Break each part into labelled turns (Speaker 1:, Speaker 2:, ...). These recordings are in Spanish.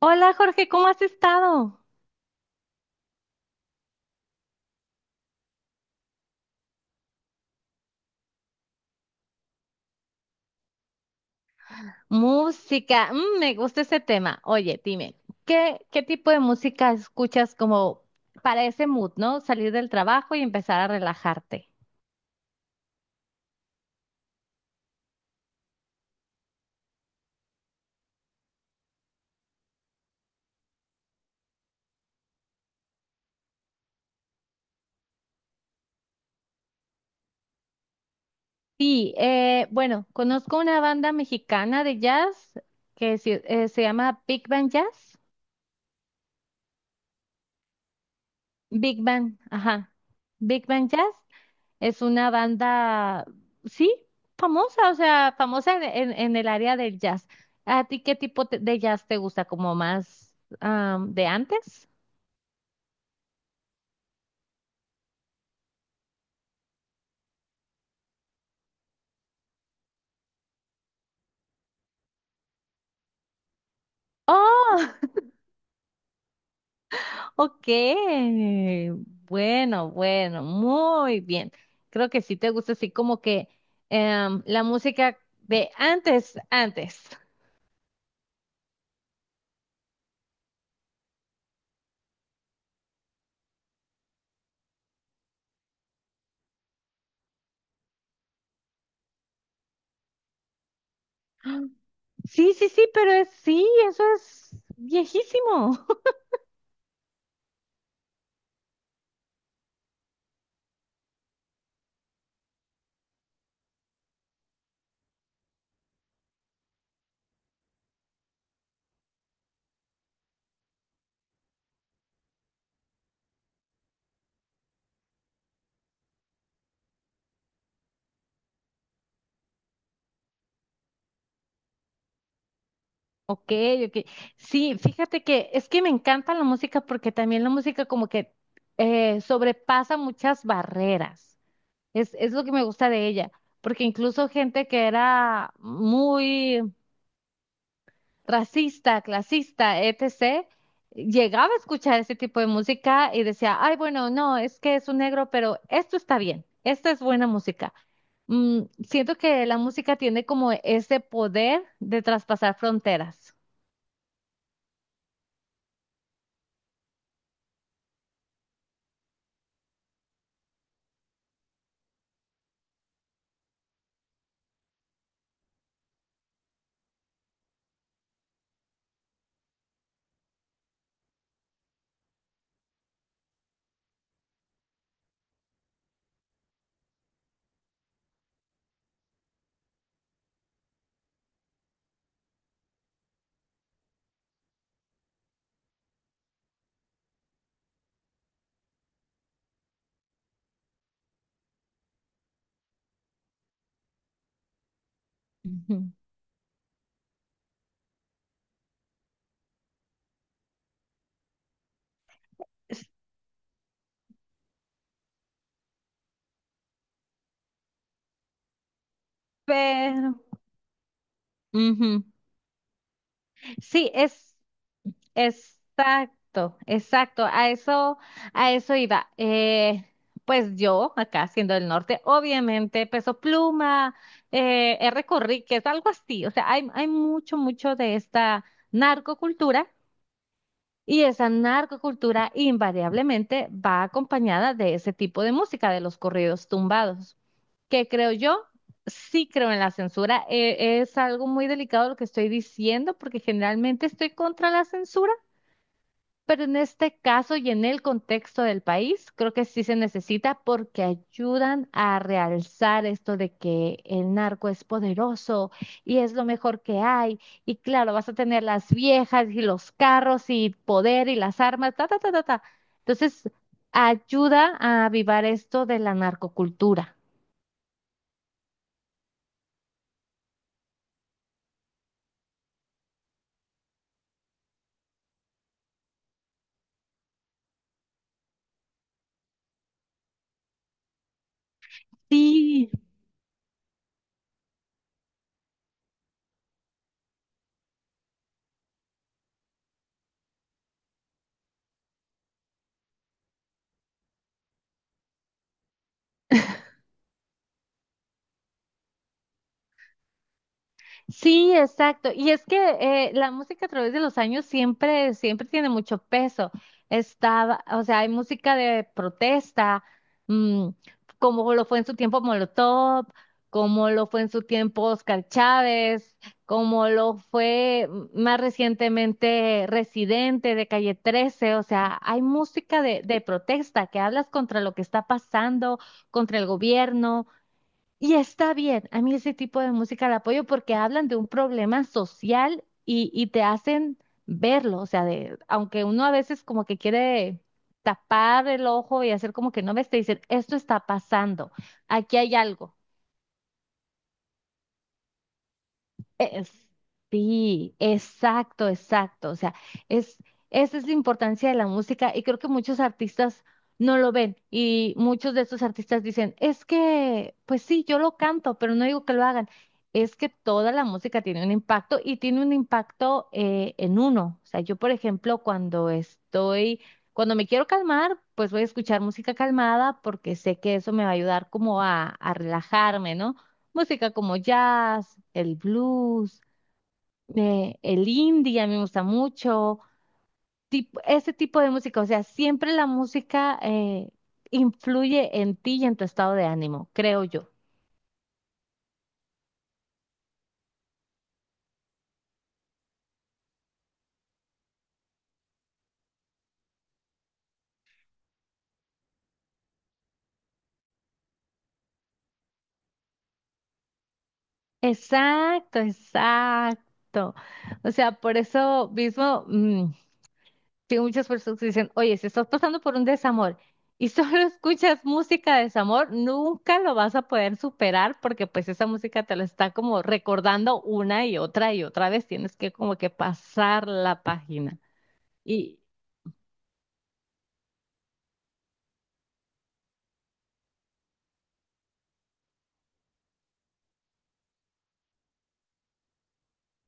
Speaker 1: Hola Jorge, ¿cómo has estado? Música, mm, me gusta ese tema. Oye, dime, ¿Qué tipo de música escuchas como para ese mood, ¿no? Salir del trabajo y empezar a relajarte. Sí, bueno, conozco una banda mexicana de jazz que se, se llama Big Band Jazz. Big Band, ajá. Big Band Jazz. Es una banda, sí, famosa, o sea, famosa en el área del jazz. ¿A ti qué de jazz te gusta? ¿Como más de antes? Oh, ok. Bueno, bueno, muy bien. Creo que sí te gusta así como que la música de antes, antes. Sí, sí, sí, pero es, sí, eso es viejísimo. Ok, ok. Sí, fíjate que es que me encanta la música porque también la música como que sobrepasa muchas barreras. Es lo que me gusta de ella, porque incluso gente que era muy racista, clasista, etc., llegaba a escuchar ese tipo de música y decía, ay, bueno, no, es que es un negro, pero esto está bien, esta es buena música. Mm, siento que la música tiene como ese poder de traspasar fronteras. Ujú. Pero, ujú. Sí, es exacto, exacto. A eso iba. Pues yo, acá siendo del norte, obviamente Peso Pluma, R. Conríquez, algo así. O sea, hay mucho, mucho de esta narcocultura y esa narcocultura invariablemente va acompañada de ese tipo de música, de los corridos tumbados, que creo yo, sí creo en la censura. Es algo muy delicado lo que estoy diciendo, porque generalmente estoy contra la censura. Pero en este caso y en el contexto del país, creo que sí se necesita porque ayudan a realzar esto de que el narco es poderoso y es lo mejor que hay. Y claro, vas a tener las viejas y los carros y poder y las armas, ta, ta, ta, ta, ta. Entonces, ayuda a avivar esto de la narcocultura. Sí. Sí, exacto. Y es que la música a través de los años siempre, siempre tiene mucho peso. Estaba, o sea, hay música de protesta, mm, como lo fue en su tiempo Molotov, como lo fue en su tiempo Oscar Chávez, como lo fue mm, más recientemente Residente de Calle 13. O sea, hay música de protesta que hablas contra lo que está pasando, contra el gobierno y está bien, a mí ese tipo de música la apoyo porque hablan de un problema social y te hacen verlo, o sea, de, aunque uno a veces como que quiere tapar el ojo y hacer como que no ves, te dicen, esto está pasando, aquí hay algo. Es- sí, exacto, exacto. O sea, es, esa es la importancia de la música y creo que muchos artistas no lo ven y muchos de estos artistas dicen, es que, pues sí, yo lo canto, pero no digo que lo hagan. Es que toda la música tiene un impacto y tiene un impacto en uno. O sea, yo, por ejemplo, cuando estoy, cuando me quiero calmar, pues voy a escuchar música calmada porque sé que eso me va a ayudar como a relajarme, ¿no? Música como jazz, el blues, el indie, a mí me gusta mucho, ese tipo de música. O sea, siempre la música influye en ti y en tu estado de ánimo, creo yo. Exacto, exacto. O sea, por eso mismo, mm, que muchas personas dicen, oye, si estás pasando por un desamor y solo escuchas música de desamor, nunca lo vas a poder superar porque pues esa música te lo está como recordando una y otra vez. Tienes que como que pasar la página. Y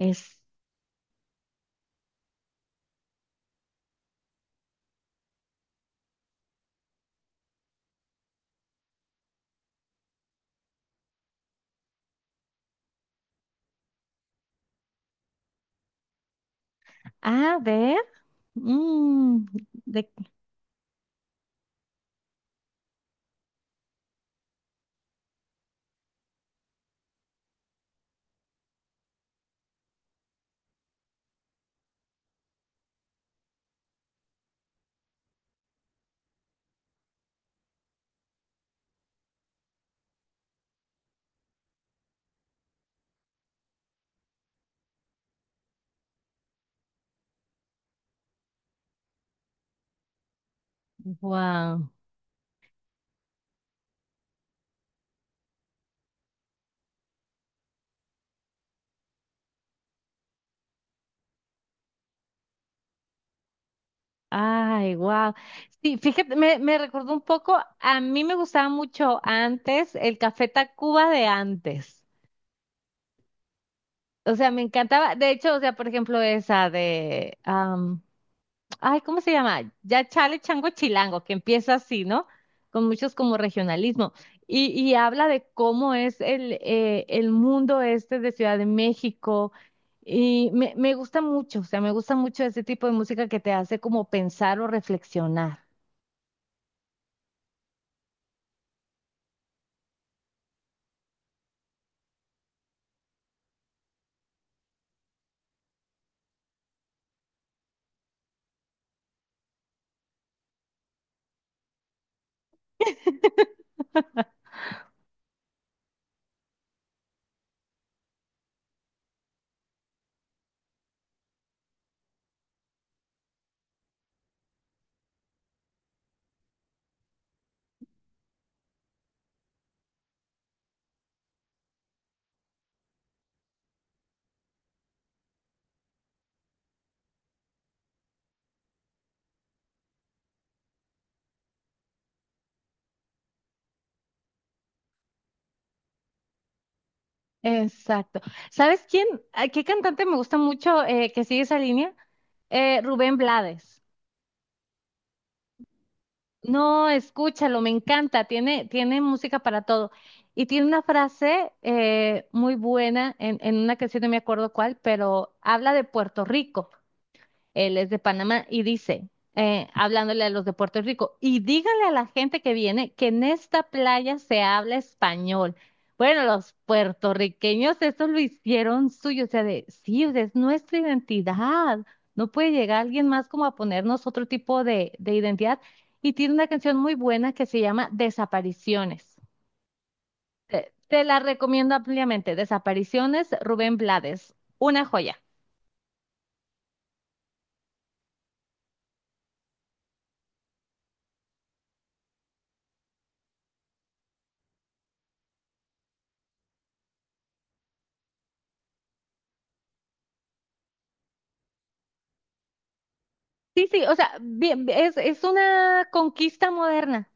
Speaker 1: es, a ver, mm, de, wow. Ay, wow. Sí, fíjate, me recordó un poco, a mí me gustaba mucho antes el Café Tacuba de antes. O sea, me encantaba. De hecho, o sea, por ejemplo, esa de, ay, ¿cómo se llama? Ya Chale Chango Chilango, que empieza así, ¿no? Con muchos como regionalismo. Y habla de cómo es el mundo este de Ciudad de México. Y me gusta mucho, o sea, me gusta mucho ese tipo de música que te hace como pensar o reflexionar. Exacto. ¿Sabes quién? ¿A ¿Qué cantante me gusta mucho que sigue esa línea? Rubén Blades. No, escúchalo, me encanta, tiene, tiene música para todo. Y tiene una frase muy buena en una canción, no me acuerdo cuál, pero habla de Puerto Rico. Él es de Panamá y dice, hablándole a los de Puerto Rico, y díganle a la gente que viene que en esta playa se habla español. Bueno, los puertorriqueños eso lo hicieron suyo, o sea, de, sí, o sea, es nuestra identidad. No puede llegar alguien más como a ponernos otro tipo de identidad. Y tiene una canción muy buena que se llama Desapariciones. Te la recomiendo ampliamente. Desapariciones, Rubén Blades. Una joya. Sí, sí, o sea, bien, es una conquista moderna.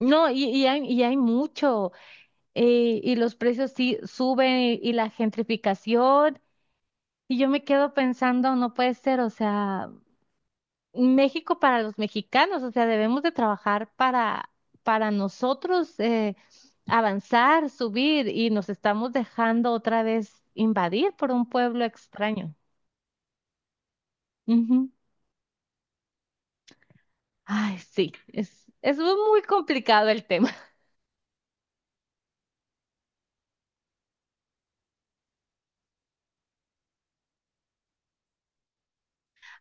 Speaker 1: No, y hay mucho, y los precios sí suben y la gentrificación, y yo me quedo pensando, no puede ser, o sea, México para los mexicanos, o sea, debemos de trabajar para nosotros avanzar, subir, y nos estamos dejando otra vez invadir por un pueblo extraño. Ujú. Ay, sí, es muy complicado el tema.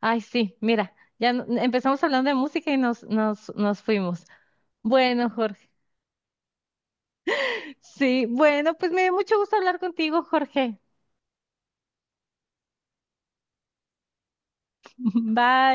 Speaker 1: Ay, sí, mira, ya empezamos hablando de música y nos, nos, nos fuimos. Bueno, Jorge. Sí, bueno, pues me dio mucho gusto hablar contigo, Jorge. Bye.